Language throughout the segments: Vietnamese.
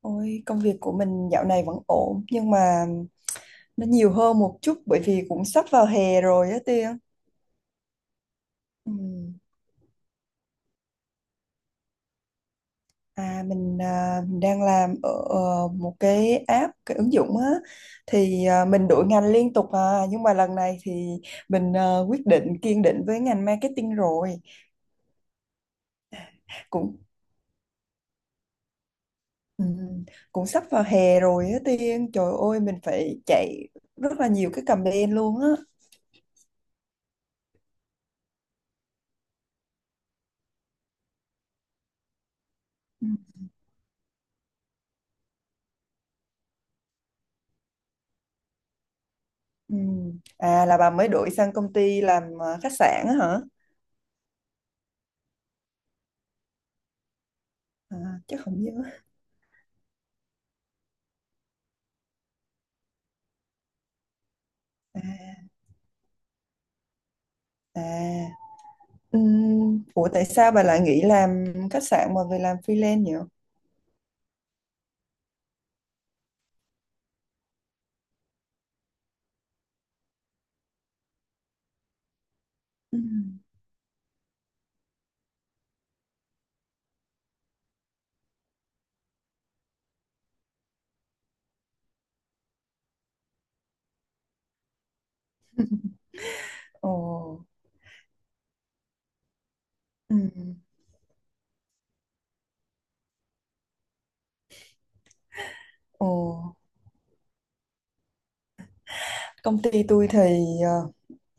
Ôi, công việc của mình dạo này vẫn ổn nhưng mà nó nhiều hơn một chút bởi vì cũng sắp vào hè rồi á, Tiên. Ừ. À, mình đang làm ở một cái app, cái ứng dụng á, thì mình đổi ngành liên tục, nhưng mà lần này thì mình quyết định kiên định với ngành marketing rồi. Cũng ừ, cũng sắp vào hè rồi á, Tiên. Trời ơi, mình phải chạy rất là nhiều cái campaign luôn á. Ừ. À, là bà mới đổi sang công ty làm khách sạn á hả? À, chứ không nhớ. À, à. Ủa tại sao bà lại nghỉ làm khách sạn mà về làm freelance nhỉ? Ừm. Ồ. Ừm. Ồ. Công ty tôi thì ờ,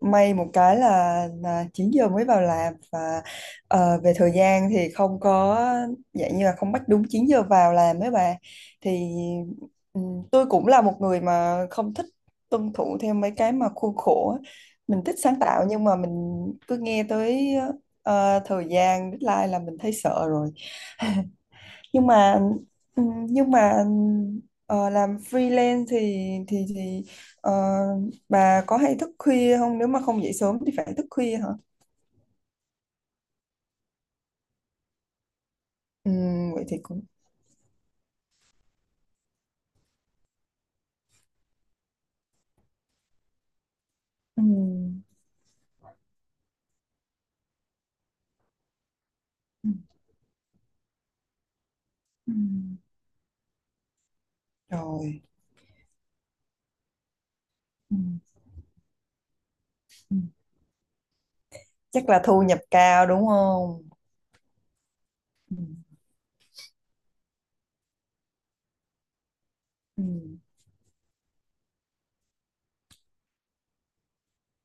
may một cái là, 9 giờ mới vào làm, và về thời gian thì không có, dạng như là không bắt đúng 9 giờ vào làm mấy bà, thì ừ, tôi cũng là một người mà không thích tuân thủ theo mấy cái mà khuôn khổ á. Mình thích sáng tạo nhưng mà mình cứ nghe tới thời gian deadline là mình thấy sợ rồi, nhưng mà ừ, nhưng mà làm freelance thì thì thì ờ, bà có hay thức khuya không? Nếu mà không dậy sớm thì phải thức khuya hả? Vậy thì cũng ừm, ừm, ừm. Rồi. Ừm, ừm. Chắc là thu nhập cao đúng không? Ừm, ừm.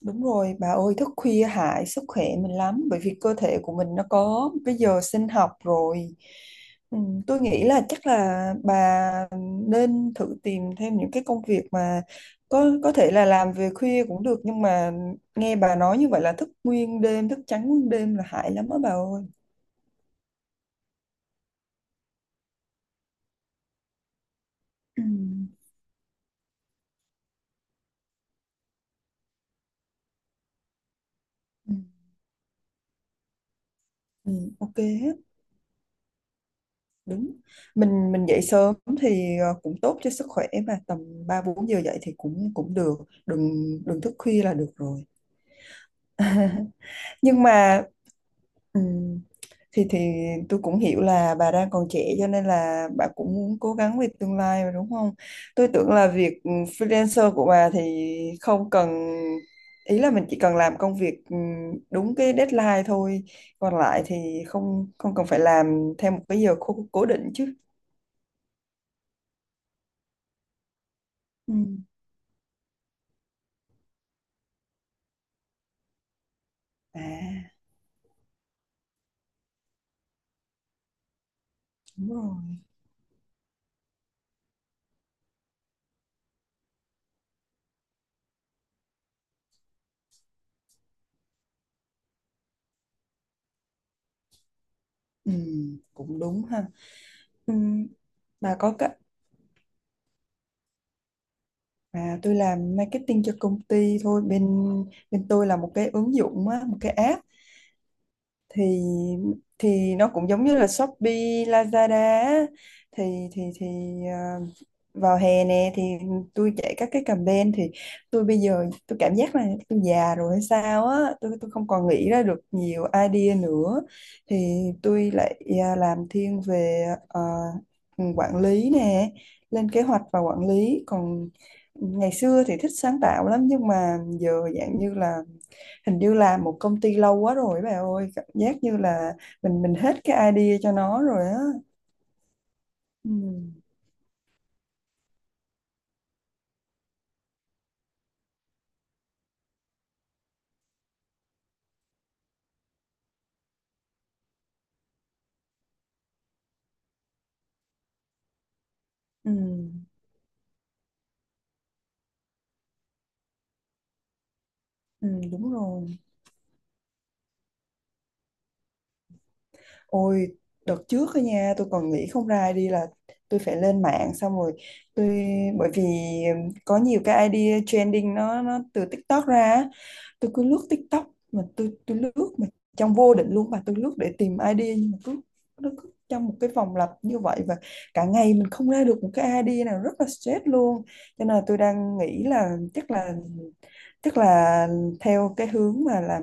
Đúng rồi, bà ơi, thức khuya hại sức khỏe mình lắm bởi vì cơ thể của mình nó có cái giờ sinh học rồi. Ừ, tôi nghĩ là chắc là bà nên thử tìm thêm những cái công việc mà có thể là làm về khuya cũng được, nhưng mà nghe bà nói như vậy là thức nguyên đêm, thức trắng nguyên đêm là hại lắm á bà ơi. Ừ. Ừ. Ừ, ok hết, đúng. Mình dậy sớm thì cũng tốt cho sức khỏe, và tầm 3 4 giờ dậy thì cũng cũng được, đừng đừng thức khuya là được rồi. Nhưng mà ừm, thì tôi cũng hiểu là bà đang còn trẻ, cho nên là bà cũng muốn cố gắng về tương lai mà, đúng không? Tôi tưởng là việc freelancer của bà thì không cần, ý là mình chỉ cần làm công việc đúng cái deadline thôi, còn lại thì không không cần phải làm theo một cái giờ cố định chứ. Ừm. À, đúng rồi. Cũng đúng ha. Ừm, bà có cái. À, tôi làm marketing cho công ty thôi, bên bên tôi là một cái ứng dụng á, một cái app, thì thì nó cũng giống như là Shopee, Lazada á. thì thì thì à, Vào hè nè thì tôi chạy các cái campaign, thì tôi bây giờ tôi cảm giác là tôi già rồi hay sao á, tôi không còn nghĩ ra được nhiều idea nữa. Thì tôi lại làm thiên về quản lý nè, lên kế hoạch và quản lý. Còn ngày xưa thì thích sáng tạo lắm, nhưng mà giờ dạng như là, hình như là một công ty lâu quá rồi bà ơi, cảm giác như là mình hết cái idea cho nó rồi á. Ừ, ừ, ừ, đúng rồi. Ôi đợt trước á nha, tôi còn nghĩ không ra idea là tôi phải lên mạng, xong rồi tôi, bởi vì có nhiều cái idea trending, nó từ TikTok ra á. Tôi cứ lướt TikTok mà tôi lướt mà trong vô định luôn, và tôi lướt để tìm idea, nhưng mà cứ, nó cứ trong một cái vòng lặp như vậy, và cả ngày mình không ra được một cái idea nào, rất là stress luôn. Cho nên là tôi đang nghĩ là chắc là theo cái hướng mà làm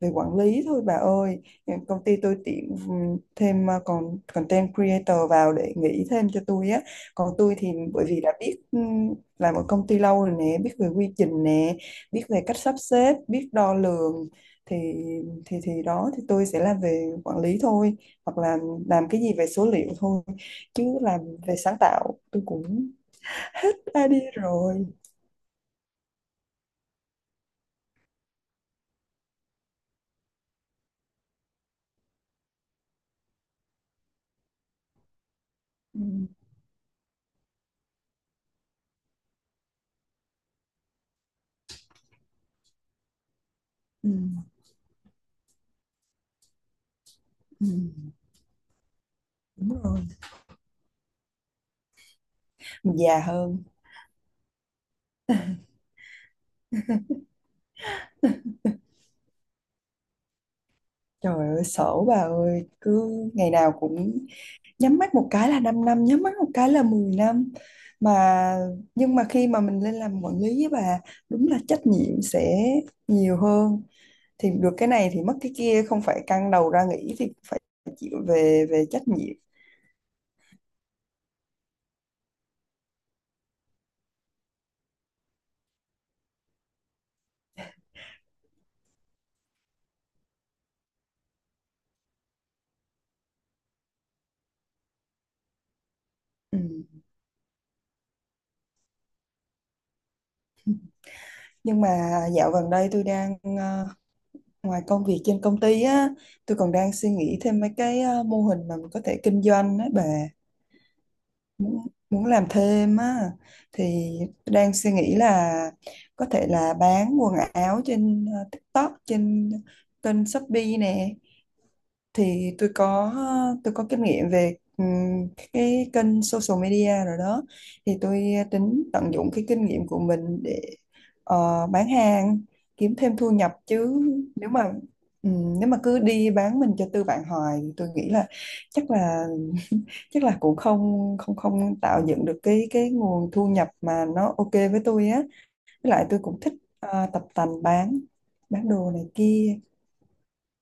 về quản lý thôi bà ơi. Công ty tôi tuyển thêm còn content creator vào để nghĩ thêm cho tôi á, còn tôi thì bởi vì đã biết, làm ở công ty lâu rồi nè, biết về quy trình nè, biết về cách sắp xếp, biết đo lường, thì thì đó, thì tôi sẽ làm về quản lý thôi, hoặc là làm cái gì về số liệu thôi, chứ làm về sáng tạo tôi cũng đã đi rồi. Ừ, ừ, ừ, đúng rồi, mình già hơn. Trời ơi sợ bà ơi, cứ ngày nào cũng nhắm mắt một cái là 5 năm, nhắm mắt một cái là 10 năm mà. Nhưng mà khi mà mình lên làm quản lý với bà, đúng là trách nhiệm sẽ nhiều hơn, thì được cái này thì mất cái kia, không phải căng đầu ra nghĩ thì phải chịu về về trách nhiệm. Ừ. Nhưng mà dạo gần đây tôi đang ngoài công việc trên công ty á, tôi còn đang suy nghĩ thêm mấy cái mô hình mà mình có thể kinh doanh á bà, muốn muốn làm thêm á. Thì tôi đang suy nghĩ là có thể là bán quần áo trên TikTok, trên kênh Shopee nè. Thì tôi có kinh nghiệm về cái kênh social media rồi đó. Thì tôi tính tận dụng cái kinh nghiệm của mình để bán hàng kiếm thêm thu nhập chứ. Nếu mà ừm, nếu mà cứ đi bán mình cho tư bản hoài thì tôi nghĩ là chắc là chắc là cũng không không không tạo dựng được cái nguồn thu nhập mà nó ok với tôi á, với lại tôi cũng thích tập tành bán đồ này kia.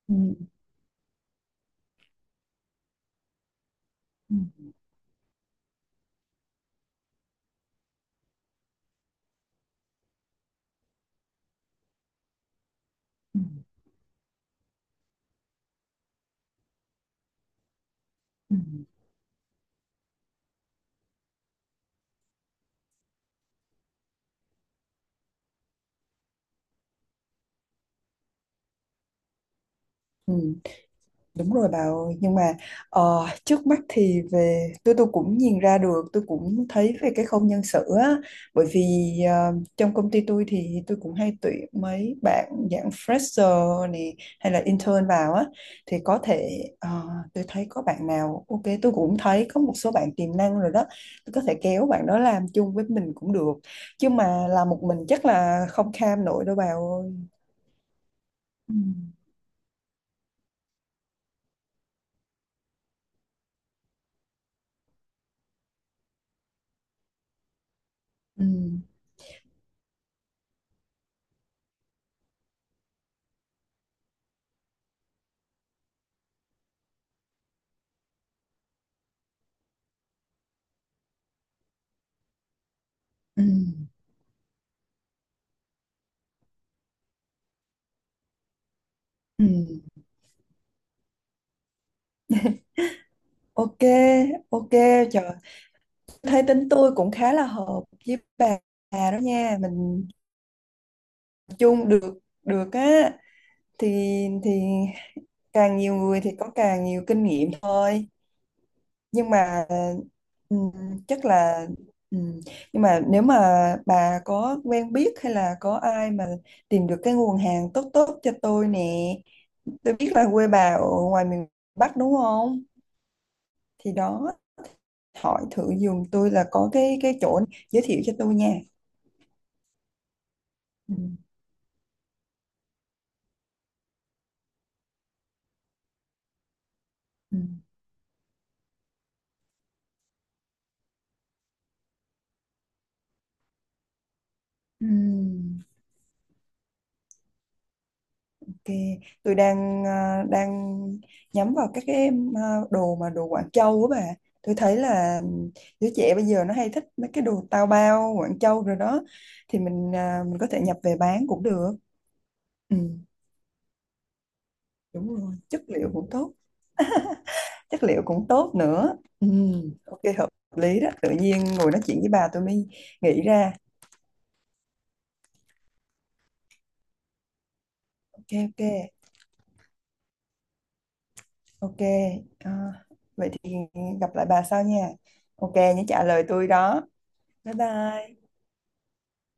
Ừ. Ừ. Ừ. Ừ. Ừ. Đúng rồi bà ơi, nhưng mà trước mắt thì về, tôi cũng nhìn ra được, tôi cũng thấy về cái khâu nhân sự á, bởi vì trong công ty tôi thì tôi cũng hay tuyển mấy bạn dạng fresher này hay là intern vào á, thì có thể tôi thấy có bạn nào ok, tôi cũng thấy có một số bạn tiềm năng rồi đó, tôi có thể kéo bạn đó làm chung với mình cũng được, chứ mà làm một mình chắc là không kham nổi đâu bà ơi. Ừ. Ừ. Ừ. Ừ. Ok, ok, trời, thấy tính tôi cũng khá là hợp với bà đó nha, mình chung được được á, thì thì càng nhiều người thì có càng nhiều kinh nghiệm thôi. Nhưng mà ừm, chắc là ừm, nhưng mà nếu mà bà có quen biết hay là có ai mà tìm được cái nguồn hàng tốt tốt cho tôi nè, tôi biết là quê bà ở ngoài miền Bắc đúng không? Thì đó, hỏi thử giùm tôi là có cái chỗ, giới thiệu cho tôi nha. Ừ, ừ, ừ. Ok, tôi đang nhắm vào các cái à, đồ, mà đồ Quảng Châu á bà. Tôi thấy là đứa trẻ bây giờ nó hay thích mấy cái đồ tao bao Quảng Châu rồi đó, thì mình có thể nhập về bán cũng được. Ừ, đúng rồi, chất liệu cũng tốt, chất liệu cũng tốt nữa. Ừ, ok hợp lý đó. Tự nhiên ngồi nói chuyện với bà tôi mới nghĩ ra. Ok, ok, ok. À, vậy thì gặp lại bà sau nha. Ok, nhớ trả lời tôi đó. Bái bai.